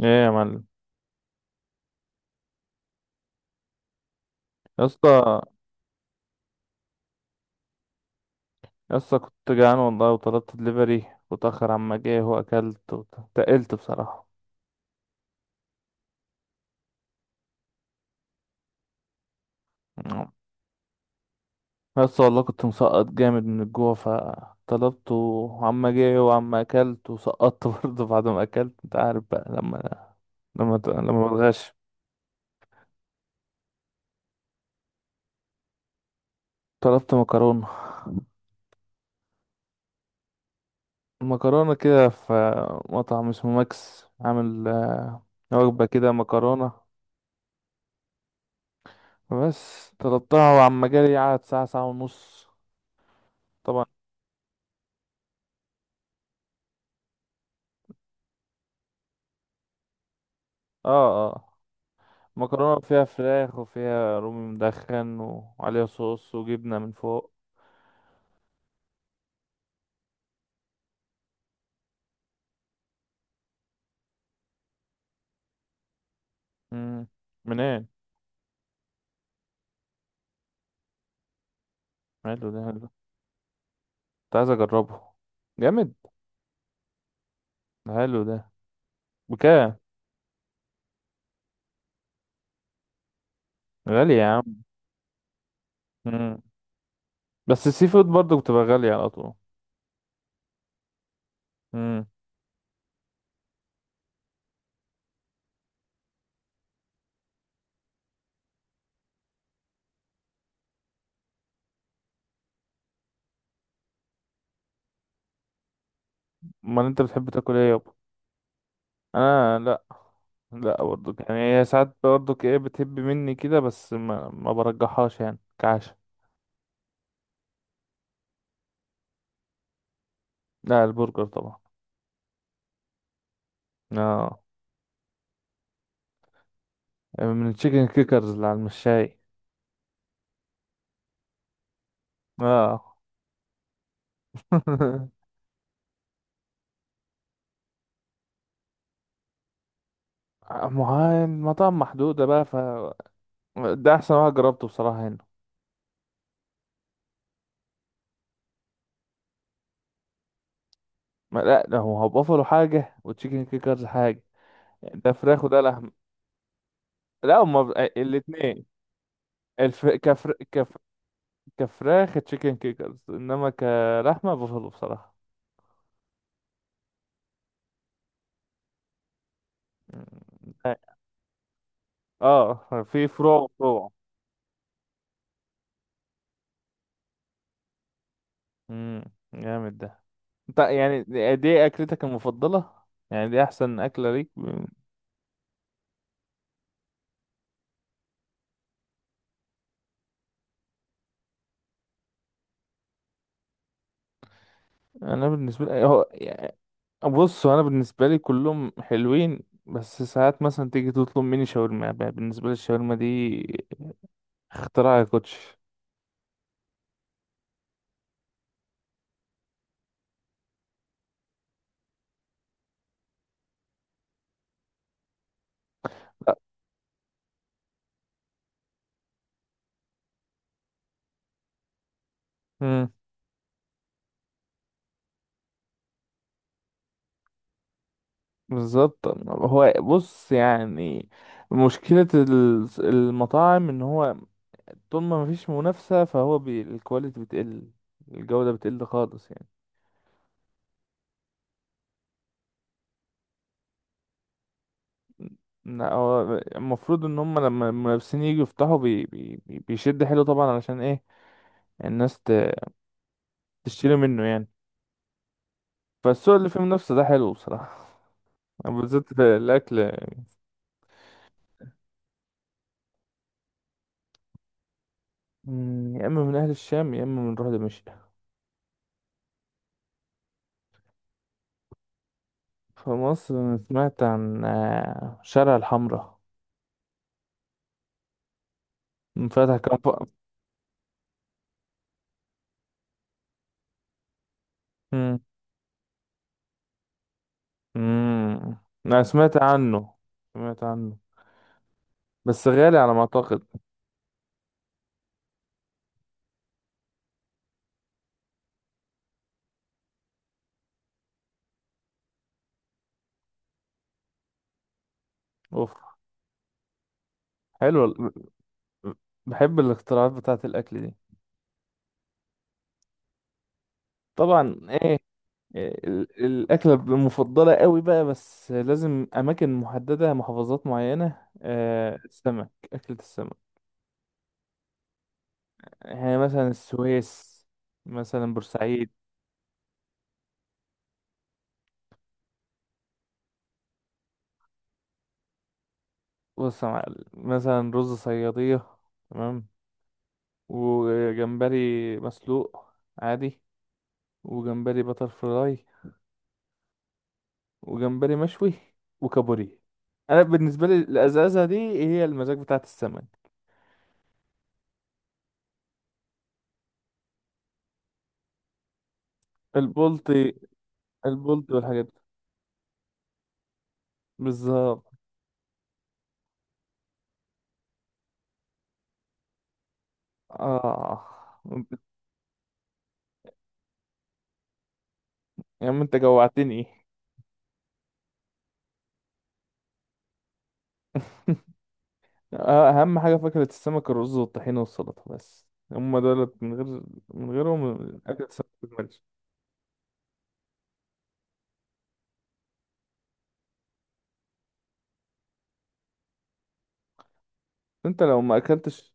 ايه يا معلم. يا اسطى، يا اسطى كنت جعان والله، وطلبت دليفري وتأخر عما جه، واكلت وتقلت بصراحة. يا اسطى والله كنت مسقط جامد من الجوع، فطلبته وعما جه وعما اكلت وسقطت برضه. بعد ما اكلت انت عارف بقى لما لما بتغش. طلبت مكرونة. المكرونة كده في مطعم اسمه ماكس، عامل وجبة كده مكرونة. بس طلبتها وعما جالي قعد ساعة، ساعة ونص. طبعا. اه، اه، مكرونة فيها فراخ وفيها رومي مدخن وعليها صوص وجبنة من فوق. مم. منين؟ حلو ده، حلو. كنت عايز اجربه. جامد. حلو ده. بكام؟ غالي يا عم. مم. بس السي فود برضه بتبقى غالية على طول. مم. امال انت بتحب تاكل ايه يابا؟ انا لا. لا، برضه يعني هي ساعات برضه ايه بتهب مني كده، بس ما برجحهاش يعني كعشا. لا، البرجر طبعا. اه. من التشيكن كيكرز اللي على المشاي. اه. ما هو المطاعم محدودة بقى، ف ده أحسن واحد جربته بصراحة هنا. ما لا، ده هو بافلو حاجة وتشيكن كيكرز حاجة. ده فراخ وده لحم. لا، هما الاتنين. الف... كفر... كف... كفراخ تشيكن كيكرز، إنما كلحمة بافلو بصراحة. اه. في فروع، فروع. امم، جامد ده. انت يعني دي أكلتك المفضلة؟ يعني دي أحسن أكلة ليك؟ أنا بالنسبة لي هو بص، انا بالنسبه لي كلهم حلوين. بس ساعات مثلا تيجي تطلب مني شاورما، بقى بالنسبه لي الشاورما دي اختراع يا كوتش. لا. امم. بالظبط، هو بص يعني مشكله المطاعم ان هو طول ما مفيش منافسه، فهو بي الكواليتي بتقل، الجوده بتقل خالص يعني. لا، هو المفروض ان هم لما المنافسين يجوا يفتحوا بيشد حلو طبعا، علشان ايه الناس تشتري منه يعني. فالسوق اللي فيه منافسه ده حلو بصراحه. بالذات الأكل. مم، يا إما من أهل الشام يا إما من روح دمشق. في مصر أنا سمعت عن شارع الحمراء. انفتح كام ف... مم. مم. أنا سمعت عنه، سمعت عنه. بس غالي على ما أعتقد. أوف. حلو بحب الاختراعات بتاعة الأكل دي. طبعا إيه. الأكلة المفضلة قوي بقى، بس لازم أماكن محددة، محافظات معينة، السمك، أكلة السمك. يعني مثلا السويس، مثلا بورسعيد. بص يا معلم، مثلا رز صيادية. تمام. وجمبري مسلوق عادي. وجمبري بتر فراي. وجمبري مشوي. وكابوري. انا بالنسبة لي الازازة دي هي المزاج بتاعت السمك. البلطي، البلطي والحاجات دي. بالظبط، اه. يا عم انت جوعتني. اهم حاجه فاكهه السمك: الرز والطحينه والسلطه، بس. هم دولت، من غيرهم اكلة السمك ما تكملش. انت لو ما اكلتش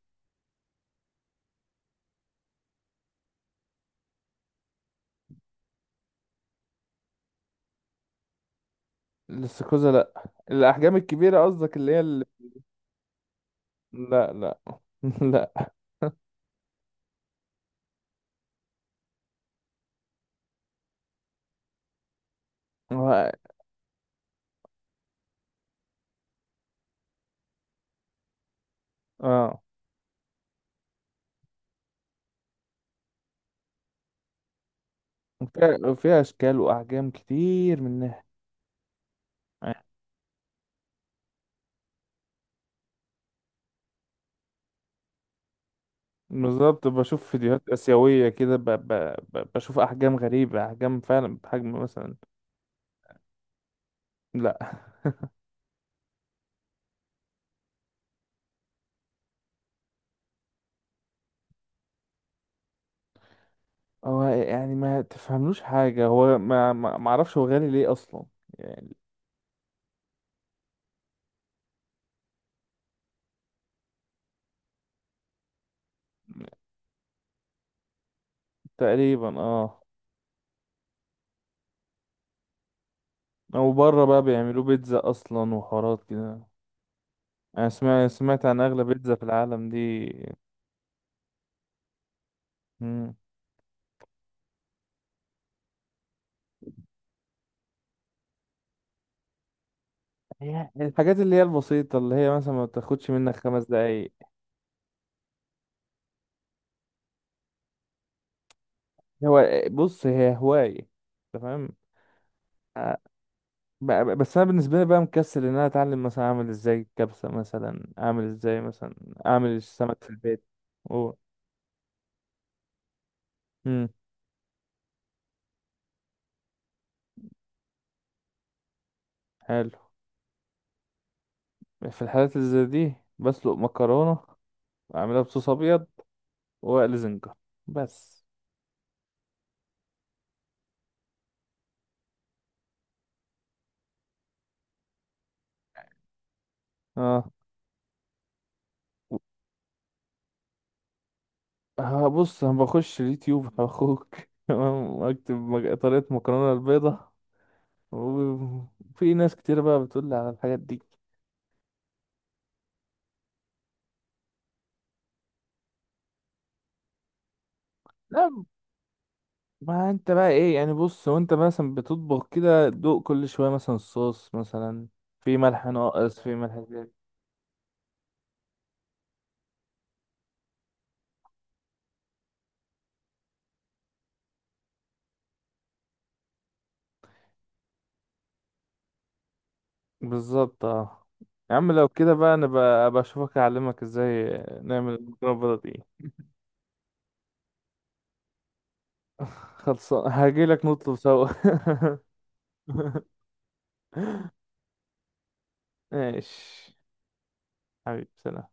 الاستاكوزا. لا، الاحجام الكبيره قصدك، اللي هي اللي... لا، لا. لا. هو- اه، فيها اشكال واحجام كتير منها. بالظبط، بشوف فيديوهات اسيويه كده، بشوف احجام غريبه، احجام فعلا بحجم مثلا. لا. هو يعني ما تفهملوش حاجة. هو ما اعرفش هو غالي ليه اصلا. يعني تقريبا اه. او بره بقى بيعملوا بيتزا اصلا وحوارات كده. انا سمعت عن اغلى بيتزا في العالم دي. مم. هي الحاجات اللي هي البسيطة، اللي هي مثلا ما بتاخدش منك 5 دقايق. هو بص هي هواية. تمام. آه، بس انا بالنسبة لي بقى مكسل ان انا اتعلم، مثلا اعمل ازاي الكبسة، مثلا اعمل ازاي، مثلا اعمل السمك في البيت و... مم. حلو. في الحالات اللي زي دي بسلق مكرونة، وأعملها بصوص أبيض، وأقلي زنجر. بس. اه. هبص أنا بخش اليوتيوب هخوك. تمام، أكتب طريقة مكرونة البيضة. وفي ناس كتير بقى بتقول لي على الحاجات دي. لا. ما انت بقى ايه يعني؟ بص، وانت مثلا بتطبخ كده دوق كل شوية، مثلا الصوص، مثلا في ملح ناقص، في ملح زيادة. بالظبط، اه. يا عم لو كده بقى، انا بقى بشوفك اعلمك ازاي نعمل المكرونة البيضة دي. خلصان، هاجيلك نطلب سوا. ماشي. حبيبي، سلام.